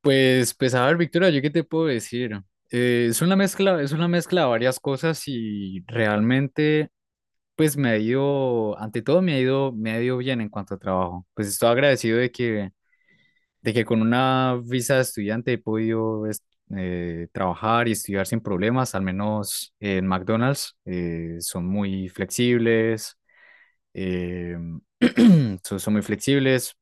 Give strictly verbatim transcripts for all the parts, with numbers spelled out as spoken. Pues, pues a ver, Victoria, ¿yo qué te puedo decir? Eh, es una mezcla, es una mezcla de varias cosas y realmente, pues me ha ido, ante todo me ha ido, me ha ido bien en cuanto a trabajo. Pues estoy agradecido de que, de que con una visa de estudiante he podido es- eh, trabajar y estudiar sin problemas, al menos en McDonald's. eh, son muy flexibles. eh, son, son muy flexibles.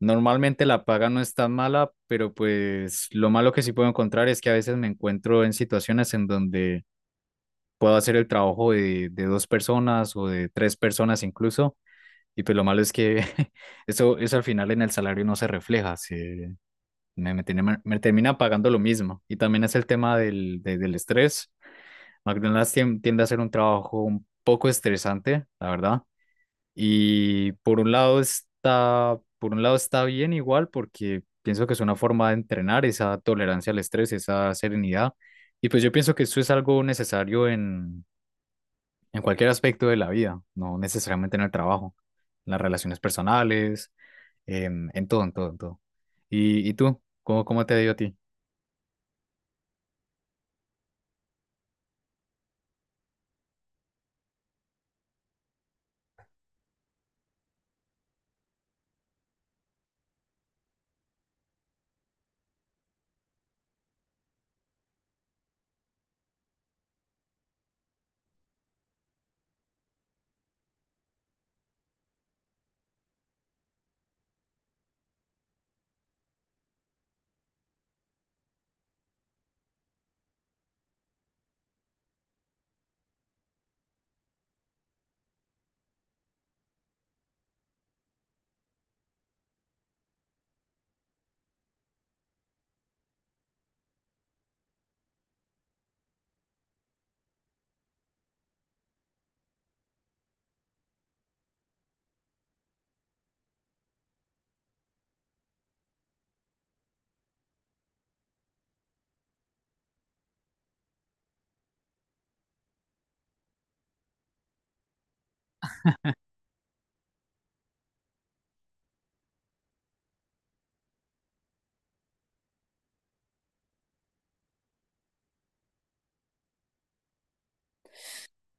Normalmente la paga no es tan mala, pero pues lo malo que sí puedo encontrar es que a veces me encuentro en situaciones en donde puedo hacer el trabajo de, de dos personas o de tres personas incluso. Y pues lo malo es que eso, eso al final en el salario no se refleja. Se, me, me, tiene- me termina pagando lo mismo. Y también es el tema del, de- del estrés. McDonald's tien- tiende a ser un trabajo un poco estresante, la verdad. Y por un lado está, por un lado está bien igual porque pienso que es una forma de entrenar esa tolerancia al estrés, esa serenidad. Y pues yo pienso que eso es algo necesario en, en cualquier aspecto de la vida, no necesariamente en el trabajo, en las relaciones personales, en, en todo, en todo, en todo. ¿Y, y tú? ¿Cómo, cómo te dio a ti?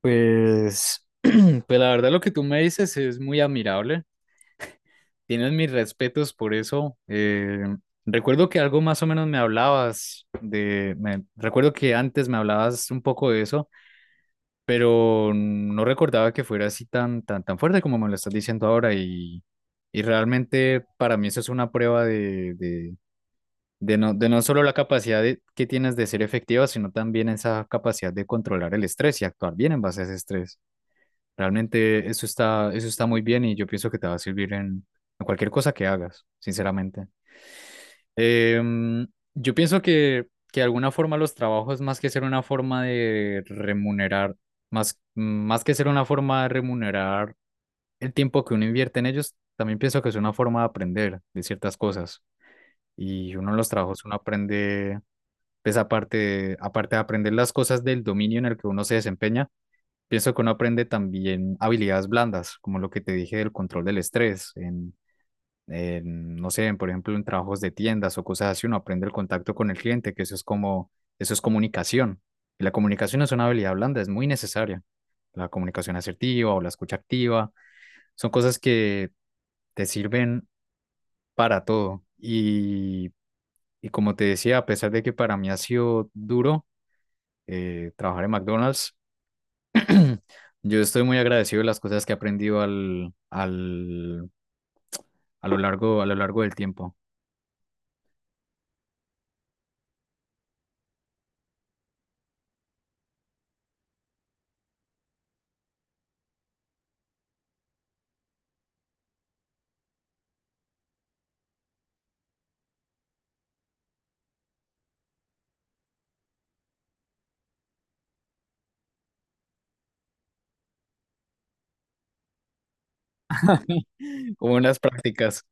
Pues, pues la verdad lo que tú me dices es muy admirable. Tienes mis respetos por eso. Eh, recuerdo que algo más o menos me hablabas de, me- recuerdo que antes me hablabas un poco de eso, pero no recordaba que fuera así tan, tan, tan fuerte como me lo estás diciendo ahora y, y realmente para mí eso es una prueba de, de, de no, de no solo la capacidad de- que tienes de ser efectiva, sino también esa capacidad de controlar el estrés y actuar bien en base a ese estrés. Realmente eso está, eso está muy bien y yo pienso que te va a servir en, en cualquier cosa que hagas, sinceramente. Em, yo pienso que, que de alguna forma los trabajos, más que ser una forma de remunerar, más, más que ser una forma de remunerar el tiempo que uno invierte en ellos, también pienso que es una forma de aprender de ciertas cosas. Y uno en los trabajos, uno aprende, pues aparte, de- aparte de aprender las cosas del dominio en el que uno se desempeña, pienso que uno aprende también habilidades blandas, como lo que te dije del control del estrés, en, en, no sé, en, por ejemplo, en trabajos de tiendas o cosas así, uno aprende el contacto con el cliente, que eso es como, eso es comunicación. Y la comunicación es una habilidad blanda, es muy necesaria. La comunicación asertiva o la escucha activa son cosas que te sirven para todo. Y, y como te decía, a pesar de que para mí ha sido duro eh, trabajar en McDonald's, yo estoy muy agradecido de las cosas que he aprendido al, al, a lo largo, a lo largo del tiempo, como en las prácticas.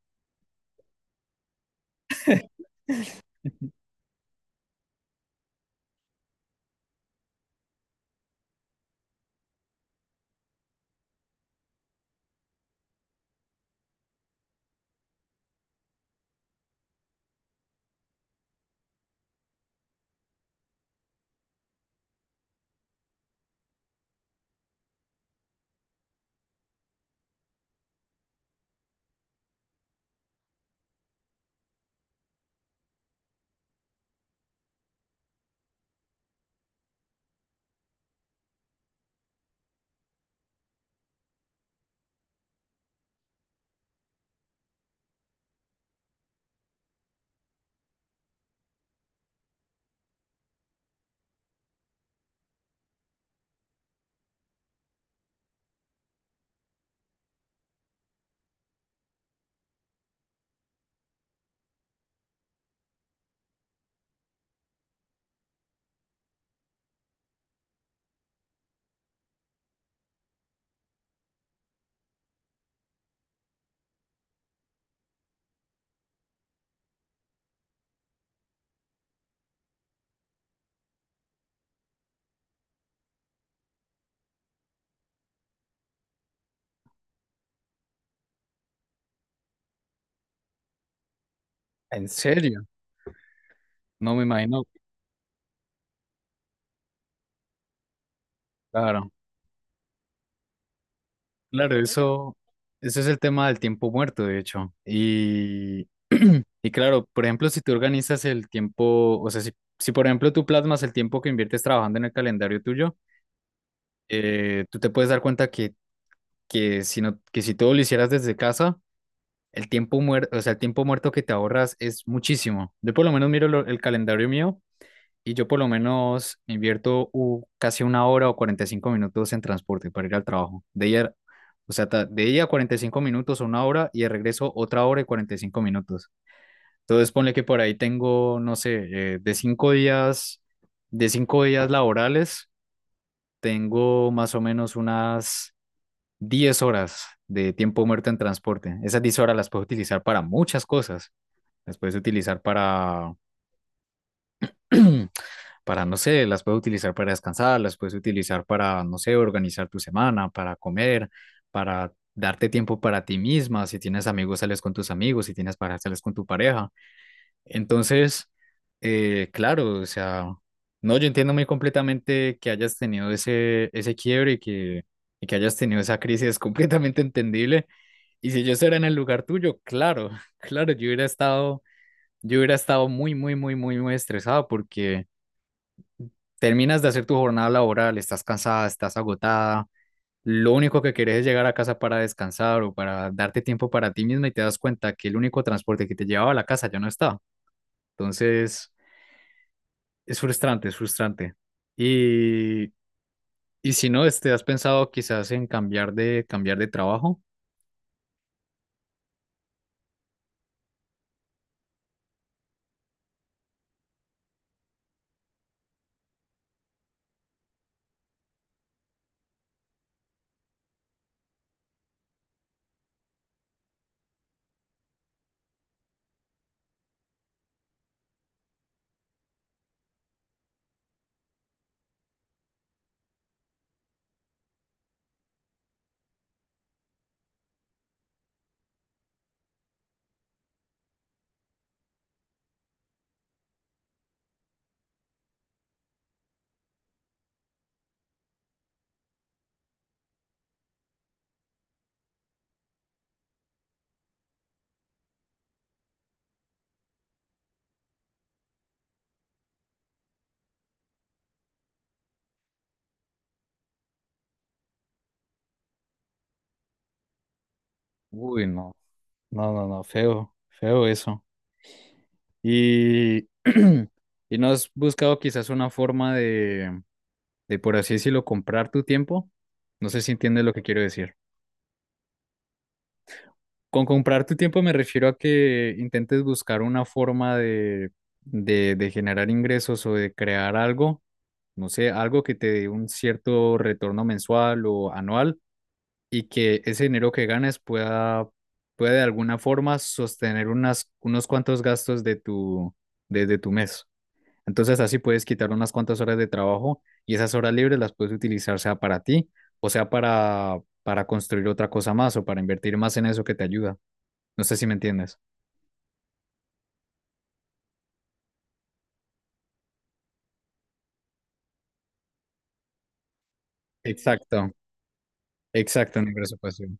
¿En serio? No me imagino. Claro, claro, eso, eso es el tema del tiempo muerto, de hecho. Y, y claro, por ejemplo, si tú organizas el tiempo, o sea, si, si por ejemplo tú plasmas el tiempo que inviertes trabajando en el calendario tuyo, eh, tú te puedes dar cuenta que, que si no, que si todo lo hicieras desde casa. El tiempo muerto, o sea, el tiempo muerto que te ahorras es muchísimo. Yo por lo menos miro lo- el calendario mío y yo por lo menos invierto u- casi una hora o cuarenta y cinco minutos en transporte para ir al trabajo. De ella, o sea, ta- de ella cuarenta y cinco minutos o una hora y de regreso otra hora y cuarenta y cinco minutos. Entonces ponle que por ahí tengo, no sé, eh, de cinco días, de cinco días laborales, tengo más o menos unas diez horas de tiempo muerto en transporte. Esas diez horas las puedo utilizar para muchas cosas. Las puedes utilizar para, para, no sé, las puedes utilizar para descansar, las puedes utilizar para, no sé, organizar tu semana, para comer, para darte tiempo para ti misma. Si tienes amigos, sales con tus amigos. Si tienes pareja, sales con tu pareja. Entonces, eh, claro, o sea, no, yo entiendo muy completamente que hayas tenido ese, ese quiebre y que, y que hayas tenido esa crisis. Es completamente entendible. Y si yo estuviera en el lugar tuyo, claro, claro, yo hubiera estado yo hubiera estado muy, muy, muy, muy, muy estresado porque terminas de hacer tu jornada laboral, estás cansada, estás agotada, lo único que querés es llegar a casa para descansar o para darte tiempo para ti misma y te das cuenta que el único transporte que te llevaba a la casa ya no está. Entonces, es frustrante, es frustrante. Y, y si no, este, ¿has pensado quizás en cambiar de, cambiar de trabajo? Uy, no, no, no, no, feo, feo eso. Y, y no has buscado quizás una forma de de por así decirlo, comprar tu tiempo. No sé si entiendes lo que quiero decir. Con comprar tu tiempo me refiero a que intentes buscar una forma de, de, de generar ingresos o de crear algo, no sé, algo que te dé un cierto retorno mensual o anual y que ese dinero que ganes pueda, pueda de alguna forma sostener unas, unos cuantos gastos de tu, de, de tu mes. Entonces así puedes quitar unas cuantas horas de trabajo y esas horas libres las puedes utilizar sea para ti o sea para, para construir otra cosa más o para invertir más en eso que te ayuda. No sé si me entiendes. Exacto, exacto, en ingreso pasivo.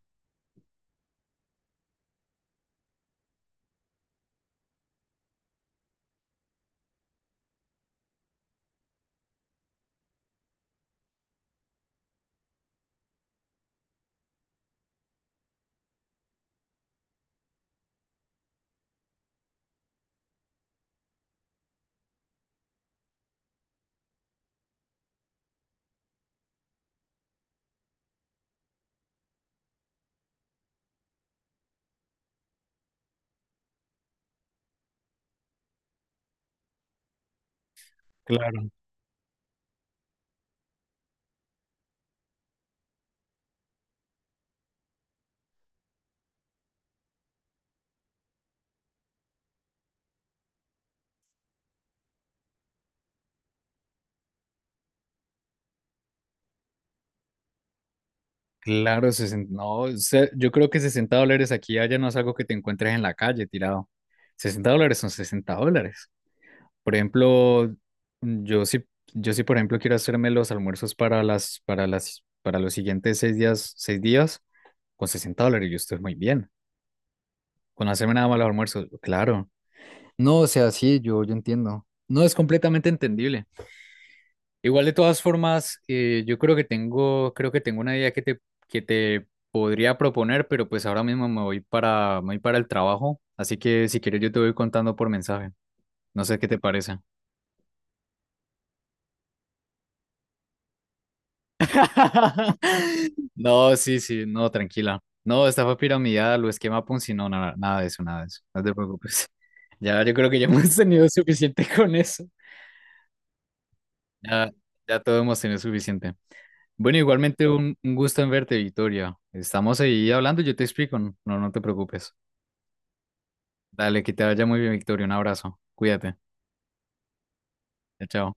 Claro, claro, sesenta no, se- yo creo que sesenta dólares aquí y allá no es algo que te encuentres en la calle tirado. Sesenta dólares son sesenta dólares. Por ejemplo, yo sí, yo sí, por ejemplo, quiero hacerme los almuerzos para las, para las, para los siguientes seis días, seis días. Con sesenta dólares yo estoy muy bien. Con hacerme nada más los almuerzos, claro. No, o sea, sí, yo, yo entiendo. No, es completamente entendible. Igual de todas formas, eh, yo creo que tengo, creo que tengo una idea que te, que te podría proponer, pero pues ahora mismo me voy para, me voy para el trabajo, así que si quieres yo te voy contando por mensaje. No sé qué te parece. No, sí, sí, no, tranquila. No, estafa piramidal o esquema Ponzi, no, nada, nada de eso, nada de eso. No te preocupes. Ya, yo creo que ya hemos tenido suficiente con eso. Ya, ya todo hemos tenido suficiente. Bueno, igualmente un, un gusto en verte, Victoria. Estamos ahí hablando, yo te explico, no, no te preocupes. Dale, que te vaya muy bien, Victoria. Un abrazo. Cuídate. Chao, chao.